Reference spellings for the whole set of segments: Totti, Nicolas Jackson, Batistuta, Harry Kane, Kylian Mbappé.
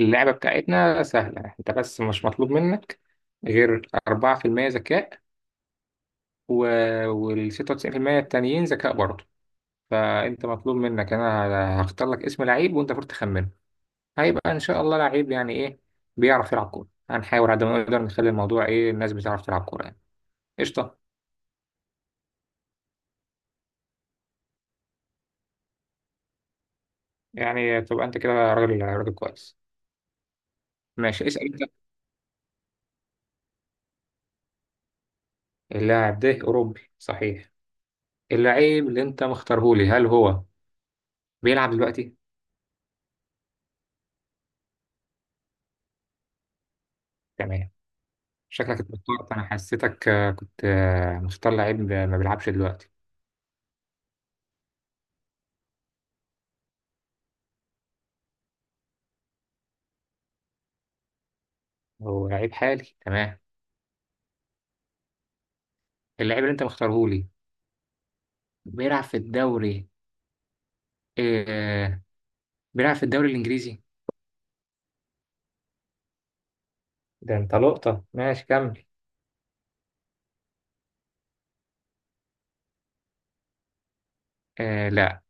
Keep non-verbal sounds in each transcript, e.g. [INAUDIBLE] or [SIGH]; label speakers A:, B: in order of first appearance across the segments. A: اللعبة بتاعتنا سهلة، انت بس مش مطلوب منك غير 4% ذكاء، و... وال 96% التانيين ذكاء برضه. فانت مطلوب منك، انا هختار لك اسم لعيب وانت المفروض تخمنه. هيبقى ان شاء الله لعيب يعني ايه؟ بيعرف يلعب كورة. هنحاول على قد ما نقدر نخلي الموضوع ايه، الناس بتعرف تلعب كورة يعني. قشطة. يعني تبقى انت كده راجل راجل كويس. ماشي، اسأل انت. اللاعب ده اوروبي صحيح. اللعيب اللي انت مختارهولي هل هو بيلعب دلوقتي؟ تمام. شكلك اتوترت، انا حسيتك كنت مختار لعيب ما بيلعبش دلوقتي. هو لعيب حالي تمام. اللعيب اللي انت مختاره لي بيلعب في الدوري. آه بيلعب في الدوري الانجليزي. ده انت لقطة، ماشي كمل. آه لا،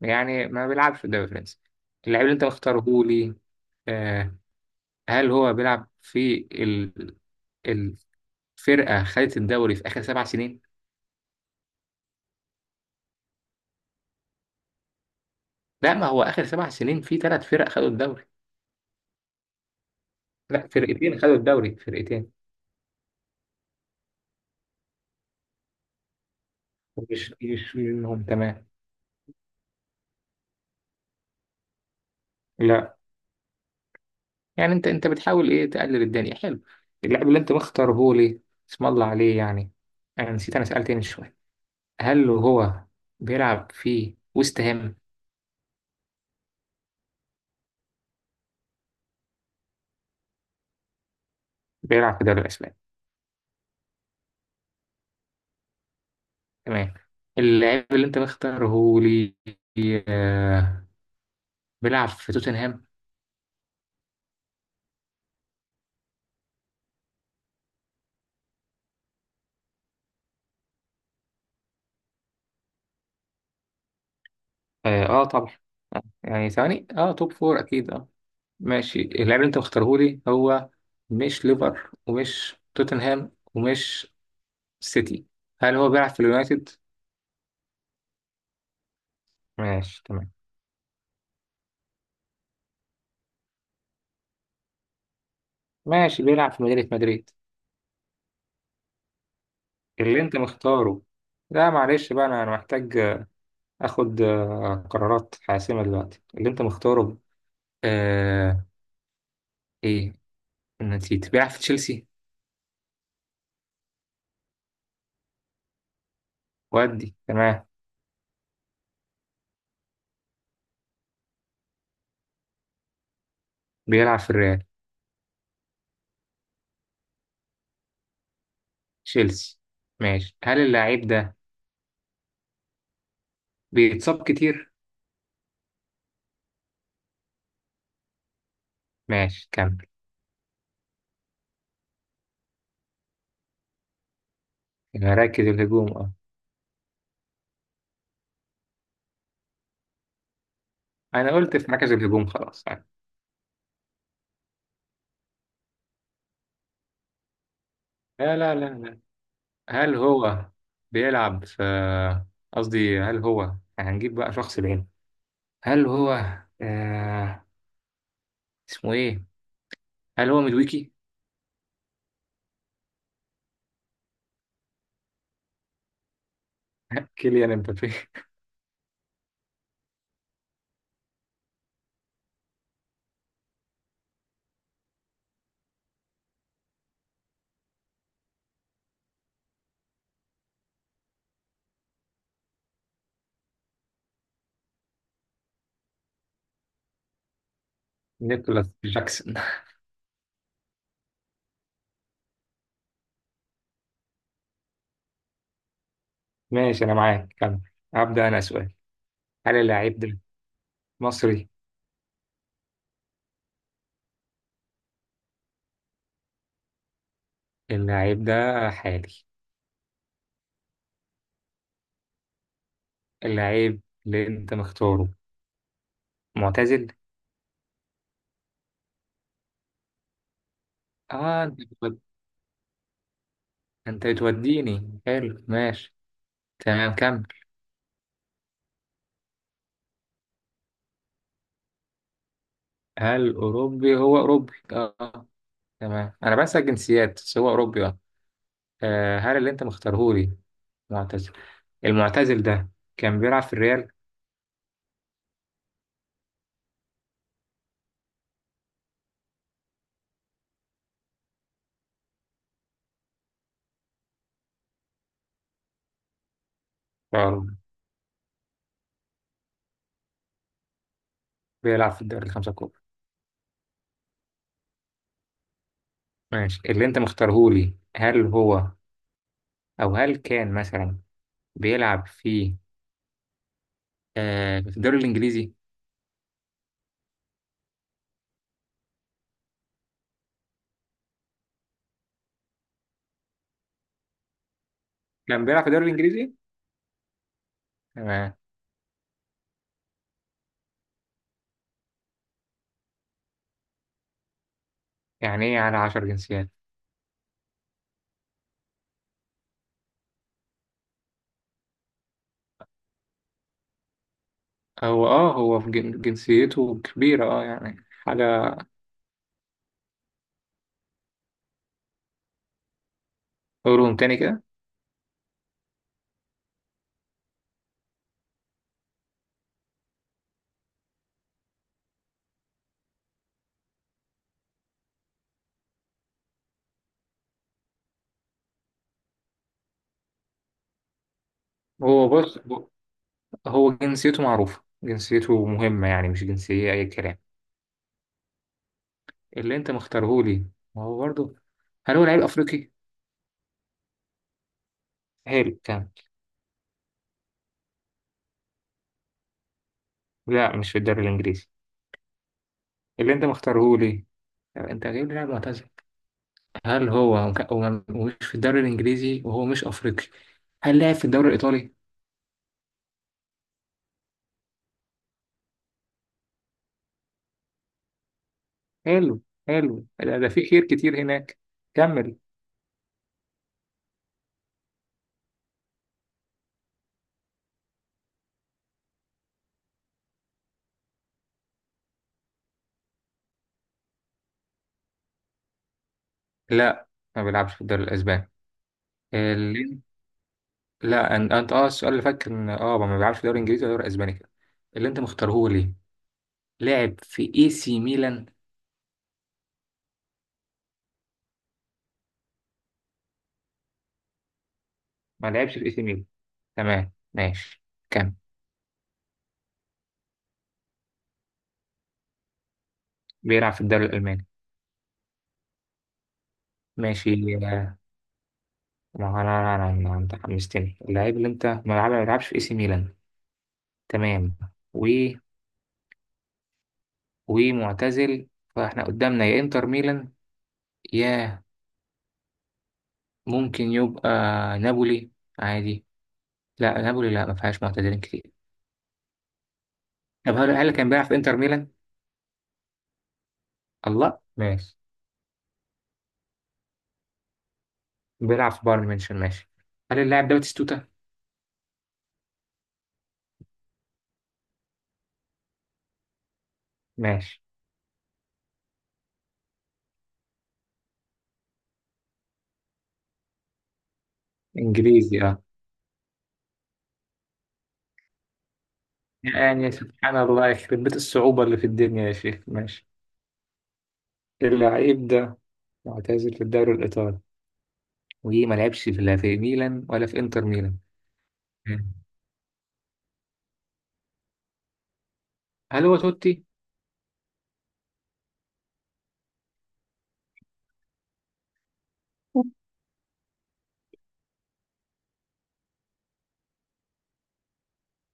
A: يعني ما بيلعبش في الدوري الفرنسي اللعيب اللي انت مختاره لي. آه، هل هو بيلعب في الفرقة خدت الدوري في آخر سبع سنين؟ لا، ما هو آخر سبع سنين في ثلاث فرق خدوا الدوري، لا فرقتين خدوا الدوري، فرقتين يشوي منهم تمام. لا، يعني انت بتحاول ايه تقلل الدنيا، حلو. اللاعب اللي انت مختاره ليه اسم الله عليه يعني. انا نسيت، انا سألت من شويه هل هو بيلعب في وست هام؟ بيلعب في الدوري الاسباني تمام. اللاعب اللي انت مختاره ليه، آه، بيلعب في توتنهام. اه آه طبعا. آه، يعني ثواني اه توب فور اكيد اه. ماشي، اللاعب اللي انت مختاره لي هو مش ليفر ومش توتنهام ومش سيتي. هل هو بيلعب في اليونايتد؟ ماشي تمام. ماشي بيلعب في مدينة مدريد. اللي انت مختاره، لا معلش بقى أنا محتاج اخد قرارات حاسمة دلوقتي. اللي انت مختاره آه، ايه، نسيت، بيلعب في تشيلسي ودي تمام. بيلعب في الريال تشيلسي ماشي. هل اللاعب ده بيتصاب كتير؟ ماشي كمل. في مراكز الهجوم اه. انا قلت في مركز الهجوم خلاص يعني. لا لا لا. هل هو بيلعب في، قصدي هل هو، هنجيب بقى شخص بعينه. هل هو آه... اسمه ايه، هل هو مدويكي؟ [LAUGHS] كيليان امبابي. نيكولاس جاكسون [LAUGHS] ماشي انا معاك كمل. هبدأ انا سؤال. هل اللاعب ده مصري؟ اللاعب ده حالي. اللاعب اللي انت مختاره معتزل. اه، انت بتوديني حلو ماشي. تمام كمل. هل اوروبي؟ هو اوروبي اه آه، تمام. انا بنسى الجنسيات بس هو اوروبي اه. آه، هل اللي انت مختارهولي معتزل، المعتزل ده كان بيلعب في الريال؟ اه بيلعب في الدوري الخمسة الكبرى ماشي. اللي انت مختارهولي هل هو، او هل كان مثلا بيلعب في، في الدوري الانجليزي؟ كان بيلعب في الدوري الانجليزي. تمام. يعني ايه على عشر جنسيات؟ هو اه هو في جنسيته كبيرة اه، يعني حاجة. قولهم تاني كده. هو بص، هو جنسيته معروفة، جنسيته مهمة، يعني مش جنسية أي كلام اللي أنت مختارهولي ما هو برضه. هل هو لعيب افريقي؟ هل كان؟ لا، مش في الدوري الانجليزي. اللي انت مختاره ليه؟ طب انت جايب لي لاعب معتزل، هل هو ومش في الدوري الانجليزي، وهو مش افريقي. هل لعب في الدوري الايطالي؟ حلو، حلو ده في خير كتير هناك. كمل. لا ما بيلعبش في الدوري الاسباني. اللي... لا انت اه السؤال اللي فات كان اه ما بيلعبش في الدوري الانجليزي ولا الدوري الاسباني كده. اللي انت مختاره ليه؟ لعب في اي سي ميلان. ما لعبش في اي سي ميلان تمام، ماشي كمل. بيلعب في الدوري الالماني ماشي. ما هو انت حمستني. اللعيب اللي انت ما لعبش في اي سي ميلان تمام، و ومعتزل، فاحنا قدامنا يا انتر ميلان، يا ممكن يبقى نابولي عادي. لا نابولي لا، ما فيهاش معتزلين كتير. طب هل كان بيلعب في انتر ميلان؟ الله ماشي. بيلعب في بايرن ميونخ ماشي. هل اللاعب ده باتيستوتا؟ ماشي. انجليزي اه. يعني سبحان الله، يخرب بيت الصعوبة اللي في الدنيا يا شيخ. ماشي، اللعيب ده معتزل في الدوري الإيطالي وما لعبش في لا في ميلان ولا في انتر ميلان. مم. هل هو توتي؟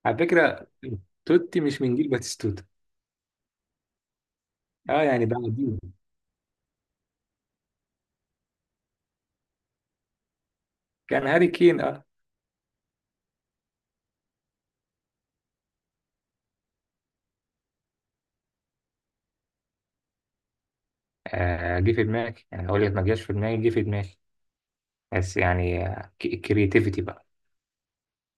A: على فكرة توتي مش من جيل باتيستوتا. اه يعني بعديه. كان هاري كين اه. آه، جه في دماغي، يعني اقول لك ما جاش في دماغي، جه في دماغي بس يعني الكرياتيفيتي بقى